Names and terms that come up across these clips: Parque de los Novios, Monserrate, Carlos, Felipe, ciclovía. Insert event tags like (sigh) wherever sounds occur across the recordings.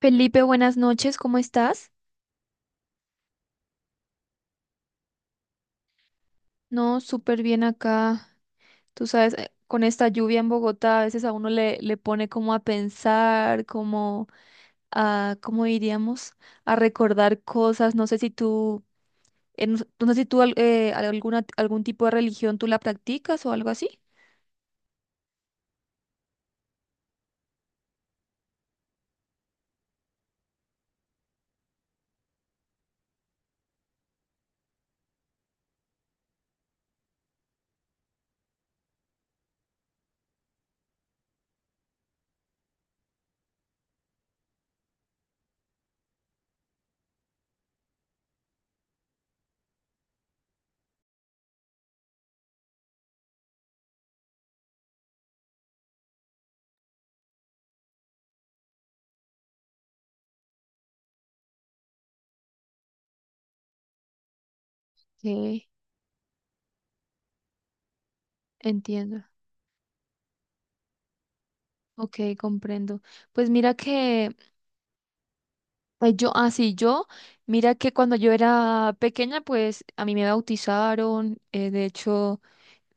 Felipe, buenas noches, ¿cómo estás? No, súper bien acá. Tú sabes, con esta lluvia en Bogotá a veces a uno le pone como a pensar, como a, ¿cómo diríamos? A recordar cosas. No sé si tú, no sé si tú algún tipo de religión tú la practicas o algo así. Sí, entiendo. Ok, comprendo. Pues mira que yo, mira que cuando yo era pequeña, pues a mí me bautizaron, de hecho...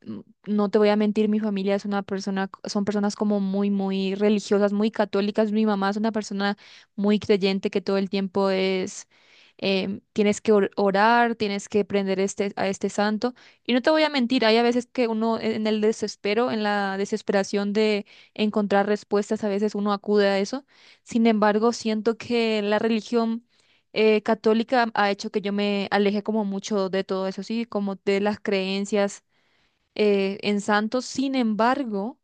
mm, no te voy a mentir, mi familia es una persona, son personas como muy, muy religiosas, muy católicas. Mi mamá es una persona muy creyente que todo el tiempo es, tienes que orar, tienes que prender este, a este santo. Y no te voy a mentir, hay a veces que uno en el desespero, en la desesperación de encontrar respuestas, a veces uno acude a eso. Sin embargo, siento que la religión católica ha hecho que yo me aleje como mucho de todo eso, sí, como de las creencias en Santos. Sin embargo,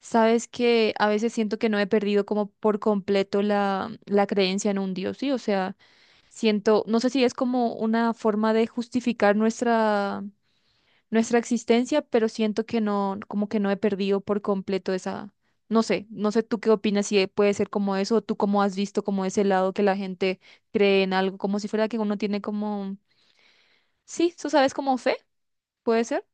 sabes que a veces siento que no he perdido como por completo la creencia en un Dios, ¿sí? O sea, siento, no sé si es como una forma de justificar nuestra, nuestra existencia, pero siento que no, como que no he perdido por completo esa, no sé, no sé tú qué opinas si puede ser como eso, o tú cómo has visto como ese lado que la gente cree en algo, como si fuera que uno tiene como, sí, tú sabes, como fe, ¿puede ser?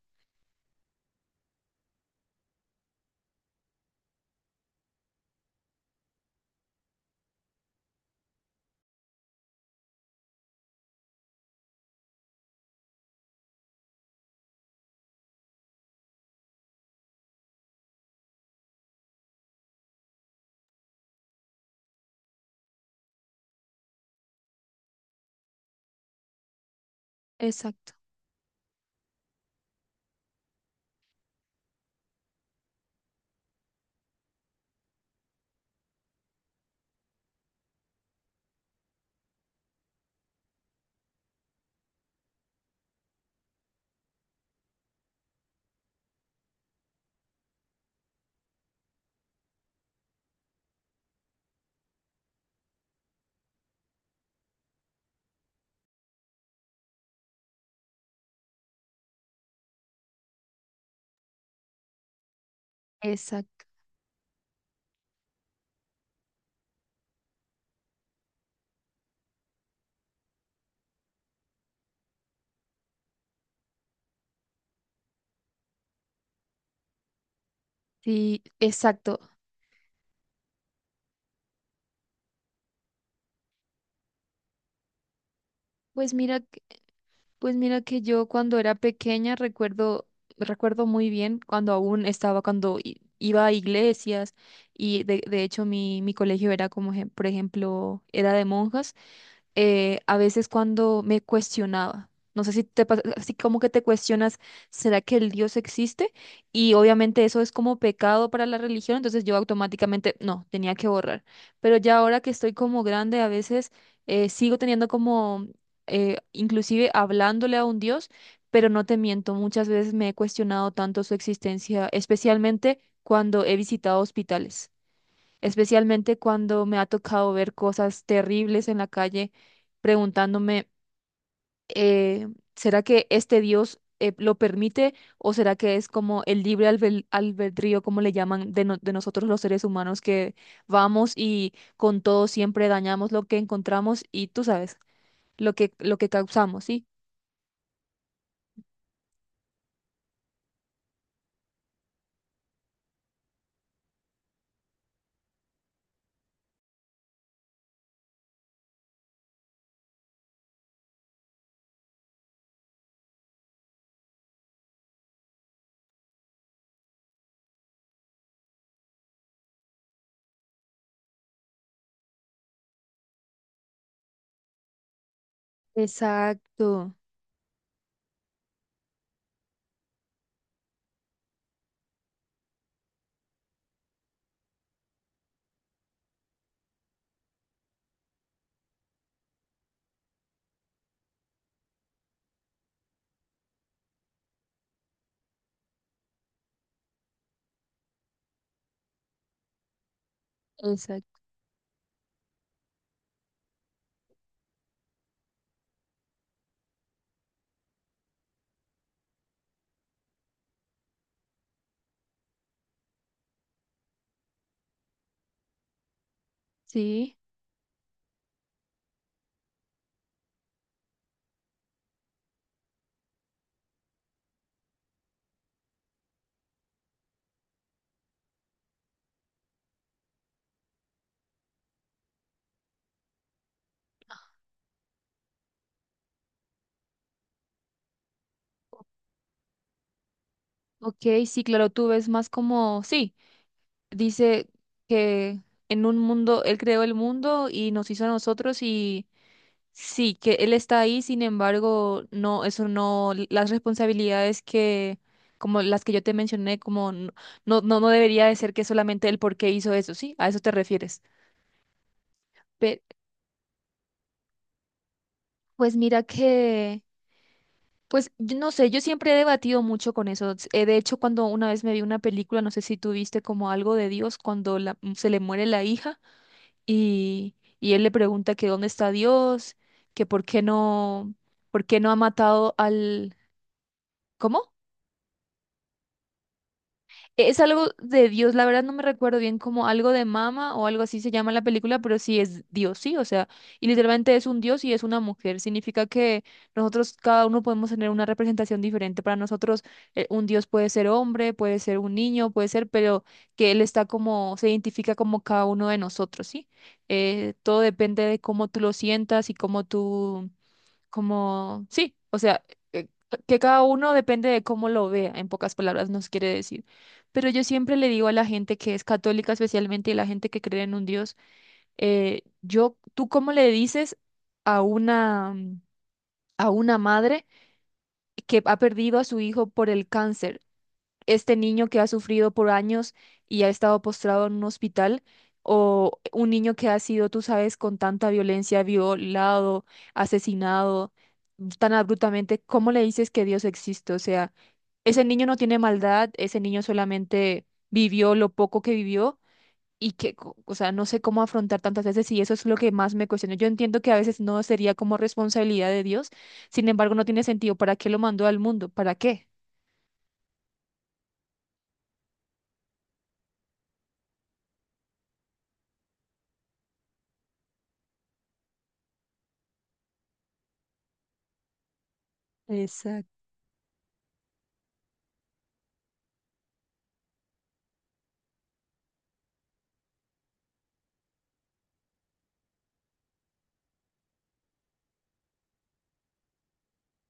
Exacto. Exacto, sí, exacto. Pues mira, que- pues mira que yo cuando era pequeña recuerdo, recuerdo muy bien cuando aún estaba, cuando iba a iglesias y de hecho mi, mi colegio era como, por ejemplo, era de monjas a veces cuando me cuestionaba. No sé si te pasa, así como que te cuestionas, ¿será que el Dios existe? Y obviamente eso es como pecado para la religión, entonces yo automáticamente, no, tenía que borrar. Pero ya ahora que estoy como grande, a veces eh, sigo teniendo como, inclusive hablándole a un Dios, pero no te miento, muchas veces me he cuestionado tanto su existencia, especialmente cuando he visitado hospitales, especialmente cuando me ha tocado ver cosas terribles en la calle, preguntándome, eh, ¿será que este Dios lo permite o será que es como el libre albedrío, como le llaman, de, de nosotros los seres humanos que vamos y con todo siempre dañamos lo que encontramos y tú sabes, lo que causamos, ¿sí? Exacto, exacto. Sí, ok, sí, claro, tú ves más como, sí. Dice que en un mundo, él creó el mundo y nos hizo a nosotros y sí, que él está ahí, sin embargo, no, eso no, las responsabilidades que, como las que yo te mencioné, como no, no, no debería de ser que solamente él porque hizo eso, ¿sí? A eso te refieres. Pe- pues mira que, pues yo no sé, yo siempre he debatido mucho con eso. De hecho, cuando una vez me vi una película, no sé si tú viste como algo de Dios, cuando se le muere la hija, y él le pregunta que dónde está Dios, que por qué no ha matado al, ¿cómo? Es algo de Dios, la verdad no me recuerdo bien como algo de mama o algo así se llama la película, pero sí es Dios, sí, o sea, y literalmente es un Dios y es una mujer. Significa que nosotros cada uno podemos tener una representación diferente. Para nosotros un Dios puede ser hombre, puede ser un niño, puede ser, pero que Él está como, se identifica como cada uno de nosotros, ¿sí? Todo depende de cómo tú lo sientas y cómo tú como, sí, o sea, eh, que cada uno depende de cómo lo vea, en pocas palabras nos quiere decir. Pero yo siempre le digo a la gente que es católica especialmente y la gente que cree en un Dios, ¿tú cómo le dices a una, a una madre que ha perdido a su hijo por el cáncer? Este niño que ha sufrido por años y ha estado postrado en un hospital, o un niño que ha sido, tú sabes, con tanta violencia, violado, asesinado, tan abruptamente, ¿cómo le dices que Dios existe? O sea, ese niño no tiene maldad, ese niño solamente vivió lo poco que vivió. O sea, no sé cómo afrontar tantas veces y eso es lo que más me cuestiono. Yo entiendo que a veces no sería como responsabilidad de Dios, sin embargo, no tiene sentido. ¿Para qué lo mandó al mundo? ¿Para qué? Exacto.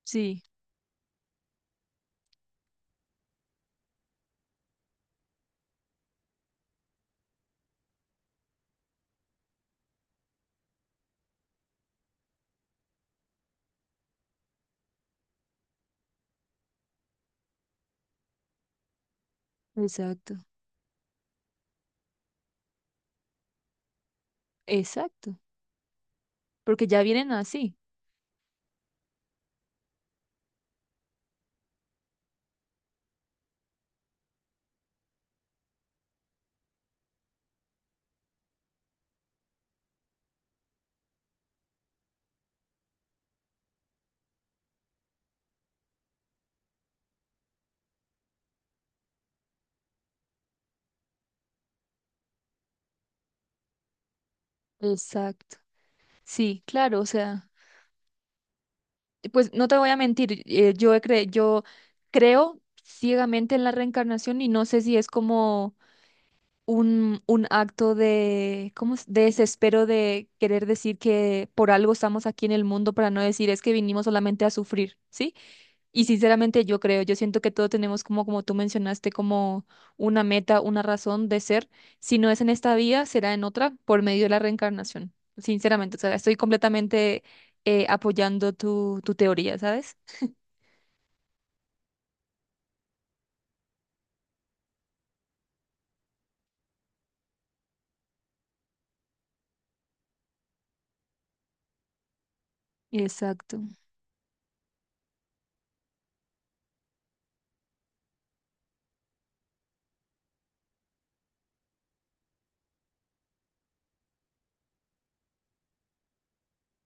Sí. Exacto, exacto, porque ya vienen así. Exacto. Sí, claro, o sea, pues no te voy a mentir, yo creo ciegamente en la reencarnación y no sé si es como un acto de, ¿cómo es? De desespero de querer decir que por algo estamos aquí en el mundo, para no decir es que vinimos solamente a sufrir, ¿sí? Y sinceramente yo creo, yo siento que todos tenemos como, como tú mencionaste, como una meta, una razón de ser. Si no es en esta vida, será en otra por medio de la reencarnación. Sinceramente, o sea, estoy completamente apoyando tu teoría, ¿sabes? Exacto,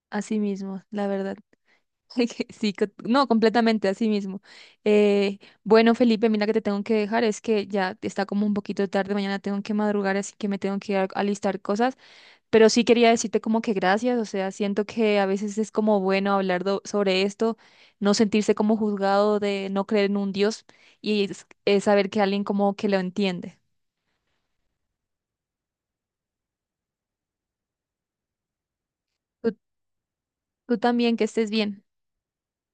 así mismo, la verdad. (laughs) Que sí, no, completamente, así mismo. Bueno, Felipe, mira que te tengo que dejar, es que ya está como un poquito tarde, mañana tengo que madrugar, así que me tengo que ir alistar cosas. Pero sí quería decirte como que gracias, o sea, siento que a veces es como bueno hablar sobre esto, no sentirse como juzgado de no creer en un Dios y es saber que alguien como que lo entiende. Tú, tú también, que estés bien.